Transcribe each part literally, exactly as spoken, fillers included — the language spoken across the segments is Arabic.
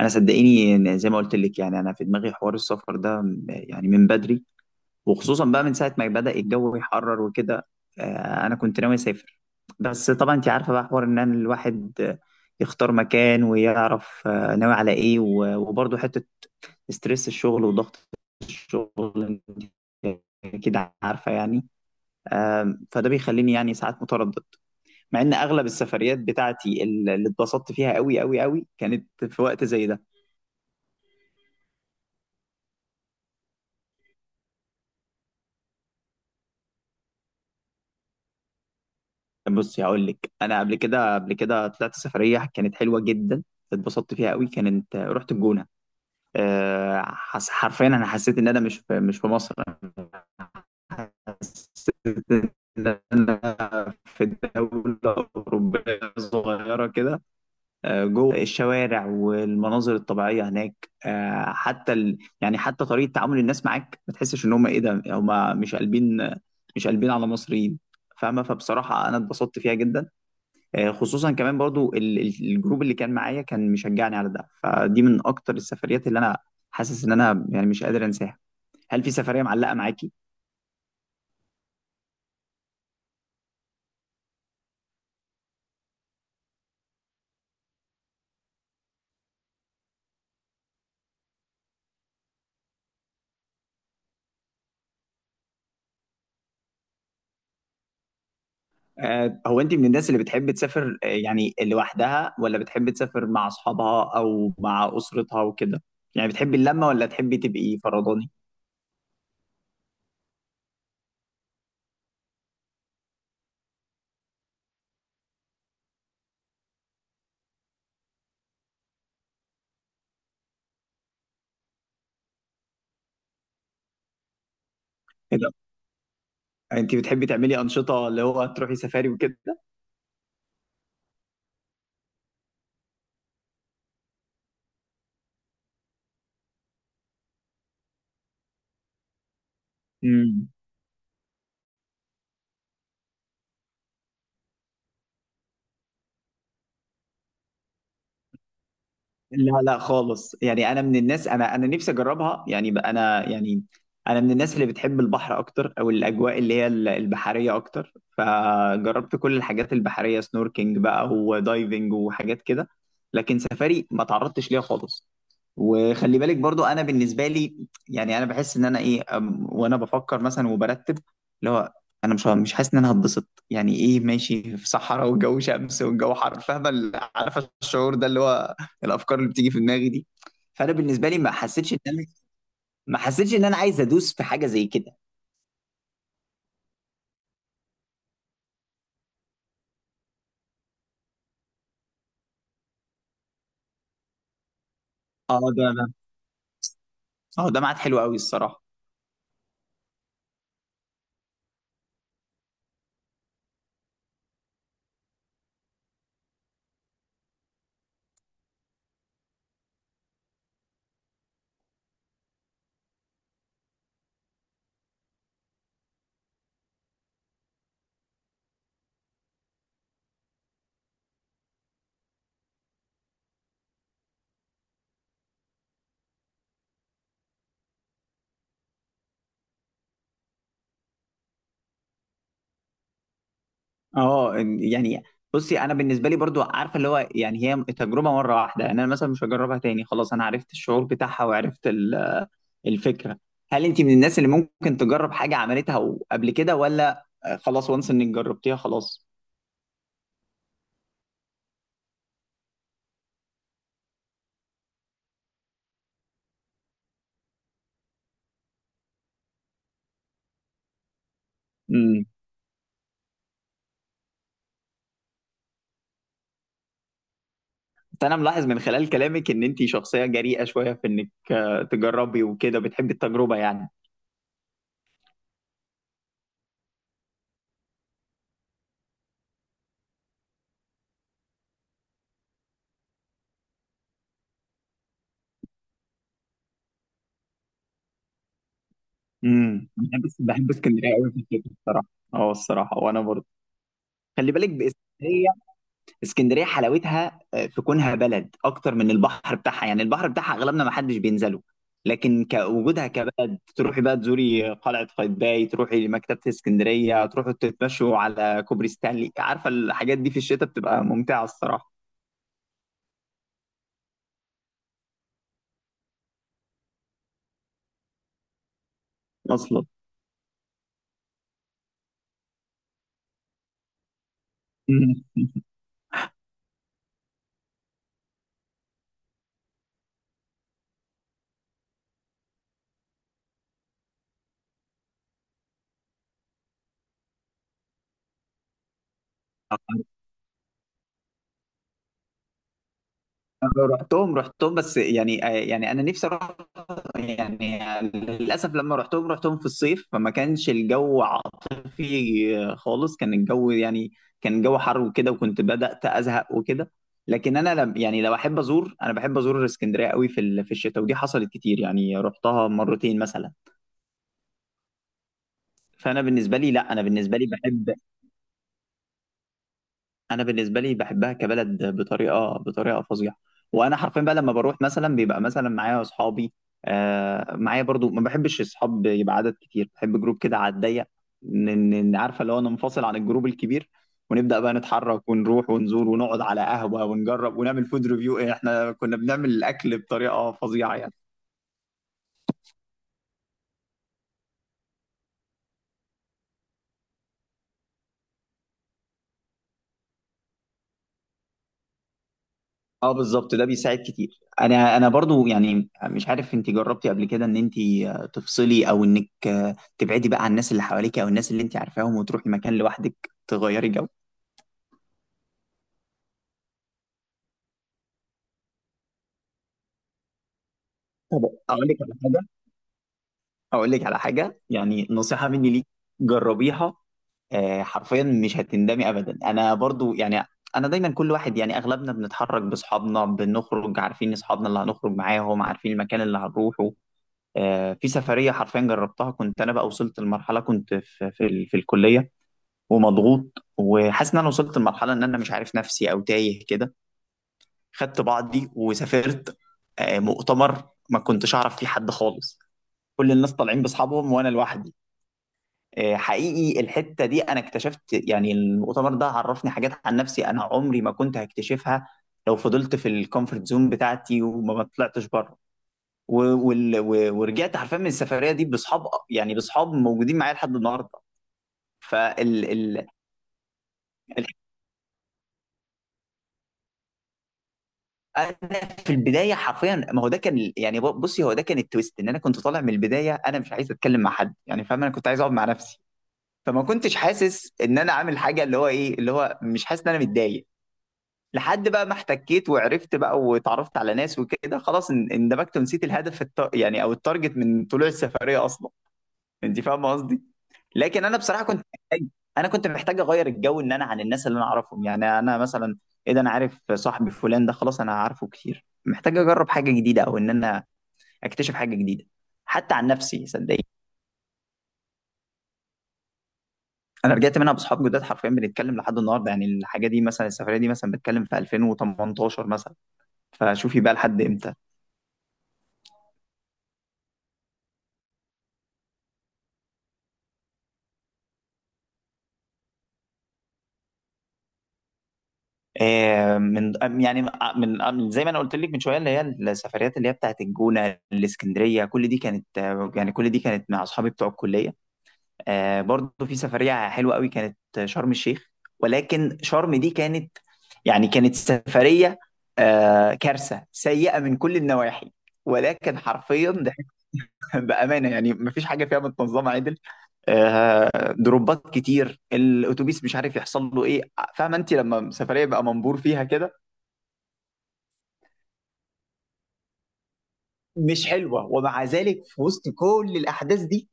انا صدقيني إن زي ما قلت لك يعني انا في دماغي حوار السفر ده م- يعني من بدري، وخصوصا بقى من ساعه ما بدأ الجو يحرر وكده. آه، انا كنت ناوي اسافر. بس طبعا انت عارفه بقى حوار ان أنا الواحد آه، يختار مكان ويعرف آه، ناوي على ايه و- وبرضه حته ستريس الشغل وضغط الشغل، انت كده عارفه يعني. آم، فده بيخليني يعني ساعات متردد، مع ان اغلب السفريات بتاعتي اللي اتبسطت فيها قوي قوي قوي كانت في وقت زي ده. بصي هقول لك، انا قبل كده قبل كده طلعت سفريه كانت حلوه جدا، اتبسطت فيها قوي، كانت رحت الجونه. أه حس حرفيا انا حسيت ان انا مش في مش في مصر، أنا في دوله اوروبيه صغيره كده. أه جوه الشوارع والمناظر الطبيعيه هناك. أه حتى ال... يعني حتى طريقه تعامل الناس معاك ما تحسش ان هم ايه ده، هم مش قلبين مش قلبين على مصريين، فاهمه؟ فبصراحه انا اتبسطت فيها جدا. آه، خصوصا كمان برضو ال- ال- الجروب اللي كان معايا كان مشجعني على ده، فدي من اكتر السفريات اللي انا حاسس ان انا يعني مش قادر انساها. هل في سفرية معلقة معاكي؟ آه، هو انت من الناس اللي بتحب تسافر آه، يعني لوحدها، ولا بتحب تسافر مع اصحابها او مع اسرتها وكده؟ يعني بتحبي اللمة ولا تحبي تبقي فرداني؟ إيه ده؟ انت بتحبي تعملي انشطة اللي هو تروحي سفاري وكده؟ لا لا خالص، يعني انا من الناس، انا انا نفسي اجربها، يعني ب- انا يعني انا من الناس اللي بتحب البحر اكتر، او الاجواء اللي هي ال- البحريه اكتر، فجربت كل الحاجات البحريه، سنوركينج بقى ودايفنج وحاجات كده، لكن سفاري ما تعرضتش ليها خالص. وخلي بالك برضو انا بالنسبه لي يعني انا بحس ان انا ايه أم- وانا بفكر مثلا وبرتب اللي هو انا مش مش حاسس ان انا هتبسط، يعني ايه ماشي في صحراء والجو شمس والجو حر، فاهمه ال- عارفه الشعور ده اللي هو الافكار اللي بتيجي في دماغي دي. فانا بالنسبه لي ما حسيتش ان انا، ما حسيتش ان انا عايز ادوس في حاجه زي كده. اه ده ده، اه ده ميعاد حلو قوي الصراحه. اه إن- يعني بصي انا بالنسبه لي برضو عارفه اللي هو، يعني هي تجربه مره واحده، يعني انا مثلا مش هجربها تاني، خلاص انا عرفت الشعور بتاعها وعرفت ال- الفكره. هل انت من الناس اللي ممكن تجرب حاجه عملتها قبل كده، ولا خلاص وانس انك جربتيها خلاص؟ امم. انا ملاحظ من خلال كلامك ان انت شخصيه جريئه شويه، في انك آه، تجربي وكده، بتحبي التجربه يعني. امم، بحب بحب اسكندريه قوي في الشتاء الصراحه. اه الصراحه وانا برضه. خلي بالك باسكندريه، اسكندريه حلاوتها آه، في كونها بلد اكتر من البحر بتاعها، يعني البحر بتاعها اغلبنا ما حدش بينزله، لكن كوجودها كبلد تروحي بقى تزوري قلعه قايتباي، تروحي مكتبه اسكندريه، تروحوا تتمشوا على كوبري ستانلي، عارفه الحاجات دي في الشتاء بتبقى ممتعه الصراحه. اصلا. أمم. رحتهم رحتهم، بس يعني آه، يعني انا نفسي اروح يعني. للأسف لما رحتهم، رحتهم في الصيف فما كانش الجو عاطفي خالص، كان الجو يعني كان الجو حر وكده، وكنت بدأت أزهق وكده. لكن أنا لم يعني، لو أحب أزور، أنا بحب أزور اسكندرية قوي في ال- في الشتاء، ودي حصلت كتير، يعني رحتها مرتين مثلا. فأنا بالنسبة لي، لا أنا بالنسبة لي بحب، انا بالنسبه لي بحبها كبلد بطريقه بطريقه فظيعه. وانا حرفيا بقى لما بروح مثلا بيبقى مثلا معايا اصحابي، آه معايا برضو ما بحبش اصحاب يبقى عدد كتير، بحب جروب كده على الضيق، ن- ن- عارفه اللي هو ننفصل عن الجروب الكبير، ونبدا بقى نتحرك ونروح ونزور ونقعد على قهوه ونجرب ونعمل فود ريفيو، احنا كنا بنعمل الاكل بطريقه فظيعه يعني. اه بالظبط، ده بيساعد كتير. انا انا برضو يعني مش عارف انت جربتي قبل كده ان انت آه، تفصلي، او انك آه، تبعدي بقى عن الناس اللي حواليك او الناس اللي انت عارفاهم، وتروحي مكان لوحدك، تغيري جو؟ طب اقول لك على حاجه، اقول لك على حاجه، يعني نصيحه مني ليك، جربيها. آه، حرفيا مش هتندمي ابدا. انا برضو يعني انا دايما كل واحد، يعني اغلبنا بنتحرك باصحابنا، بنخرج عارفين اصحابنا اللي هنخرج معاهم، عارفين المكان اللي هنروحه. آه، في سفرية حرفيا جربتها، كنت أنا بقى وصلت لمرحلة، كنت في في, ال- في الكلية ومضغوط، وحاسس إن أنا وصلت لمرحلة إن أنا مش عارف نفسي، أو تايه كده. خدت بعضي وسافرت آه، مؤتمر، ما كنتش أعرف فيه حد خالص، كل الناس طالعين بأصحابهم وأنا لوحدي. آه، حقيقي الحتة دي أنا اكتشفت، يعني المؤتمر ده عرفني حاجات عن نفسي أنا عمري ما كنت هكتشفها لو فضلت في الكومفورت زون بتاعتي وما ما طلعتش بره. و... وال... و... ورجعت حرفيا من السفريه دي باصحاب، يعني باصحاب موجودين معايا لحد النهارده. فال ال... ال... انا في البدايه حرفيا، ما هو ده كان ال- يعني ب- بصي هو ده كان التويست، ان انا كنت طالع من البدايه انا مش عايز اتكلم مع حد، يعني فاهم انا كنت عايز اقعد مع نفسي، فما كنتش حاسس ان انا عامل حاجه، اللي هو ايه اللي هو مش حاسس ان انا متضايق، لحد بقى ما احتكيت وعرفت بقى واتعرفت على ناس وكده، خلاص ان- اندمجت ونسيت الهدف الت... يعني او التارجت من طلوع السفريه اصلا. انت فاهمه قصدي؟ لكن انا بصراحه كنت محتاج، انا كنت محتاج اغير الجو، ان انا عن الناس اللي انا اعرفهم، يعني انا مثلا ايه ده انا عارف صاحبي فلان ده، خلاص انا عارفه كتير، محتاج اجرب حاجه جديده، او ان انا اكتشف حاجه جديده حتى عن نفسي صدقني. انا رجعت منها باصحاب جداد حرفيا، بنتكلم لحد النهارده، يعني الحاجه دي مثلا، السفريه دي مثلا بتكلم في ألفين وتمنتاشر مثلا، فشوفي بقى لحد امتى. آه، من يعني آه، من آه، من- زي ما انا قلت لك من شويه، اللي هي السفريات اللي هي بتاعت الجونه الاسكندريه، كل دي كانت آه، يعني كل دي كانت مع اصحابي بتوع الكليه. آه، برضه في سفريه حلوه قوي كانت شرم الشيخ، ولكن شرم دي كانت يعني كانت سفريه آه، كارثه سيئه من كل النواحي، ولكن حرفيا ده بامانه يعني مفيش حاجه فيها متنظمه عدل. آه، دروبات كتير، الاتوبيس مش عارف يحصل له ايه، فاهمه انت لما سفريه بقى منبور فيها كده؟ مش حلوه، ومع ذلك في وسط كل الاحداث دي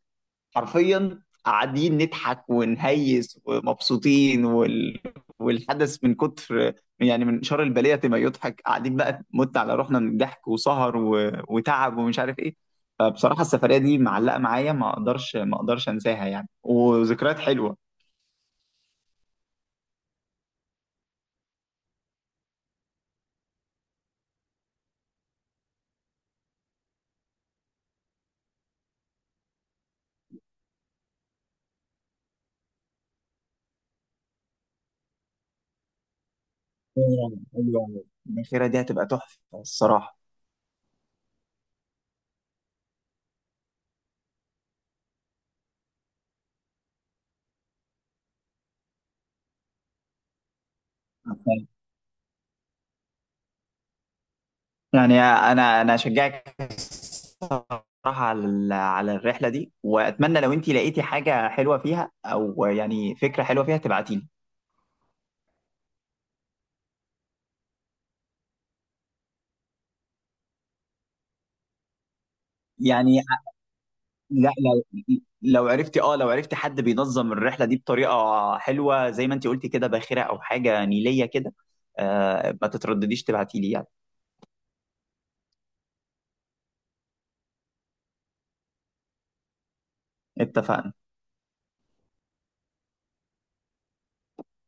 حرفيا قاعدين نضحك ونهيس ومبسوطين وال... والحدث من كتر، يعني من شر البليه ما يضحك، قاعدين بقى مت على روحنا من الضحك، وسهر و... وتعب ومش عارف ايه. فبصراحه السفريه دي معلقه معايا، ما اقدرش ما اقدرش انساها يعني، وذكريات حلوه. أيوة، حلوة أوي. الاخيره دي هتبقى تحفه الصراحه. يعني انا انا اشجعك صراحة على ال- على الرحلة دي، وأتمنى لو أنت لقيتي حاجة حلوة فيها، أو يعني فكرة حلوة فيها تبعتي لي. يعني لا، لو، لو عرفتي، أه لو عرفتي حد بينظم الرحلة دي بطريقة حلوة زي ما أنت قلتي كده، باخرة أو حاجة نيلية كده، آه ما تتردديش تبعتي لي يعني. اتفقنا.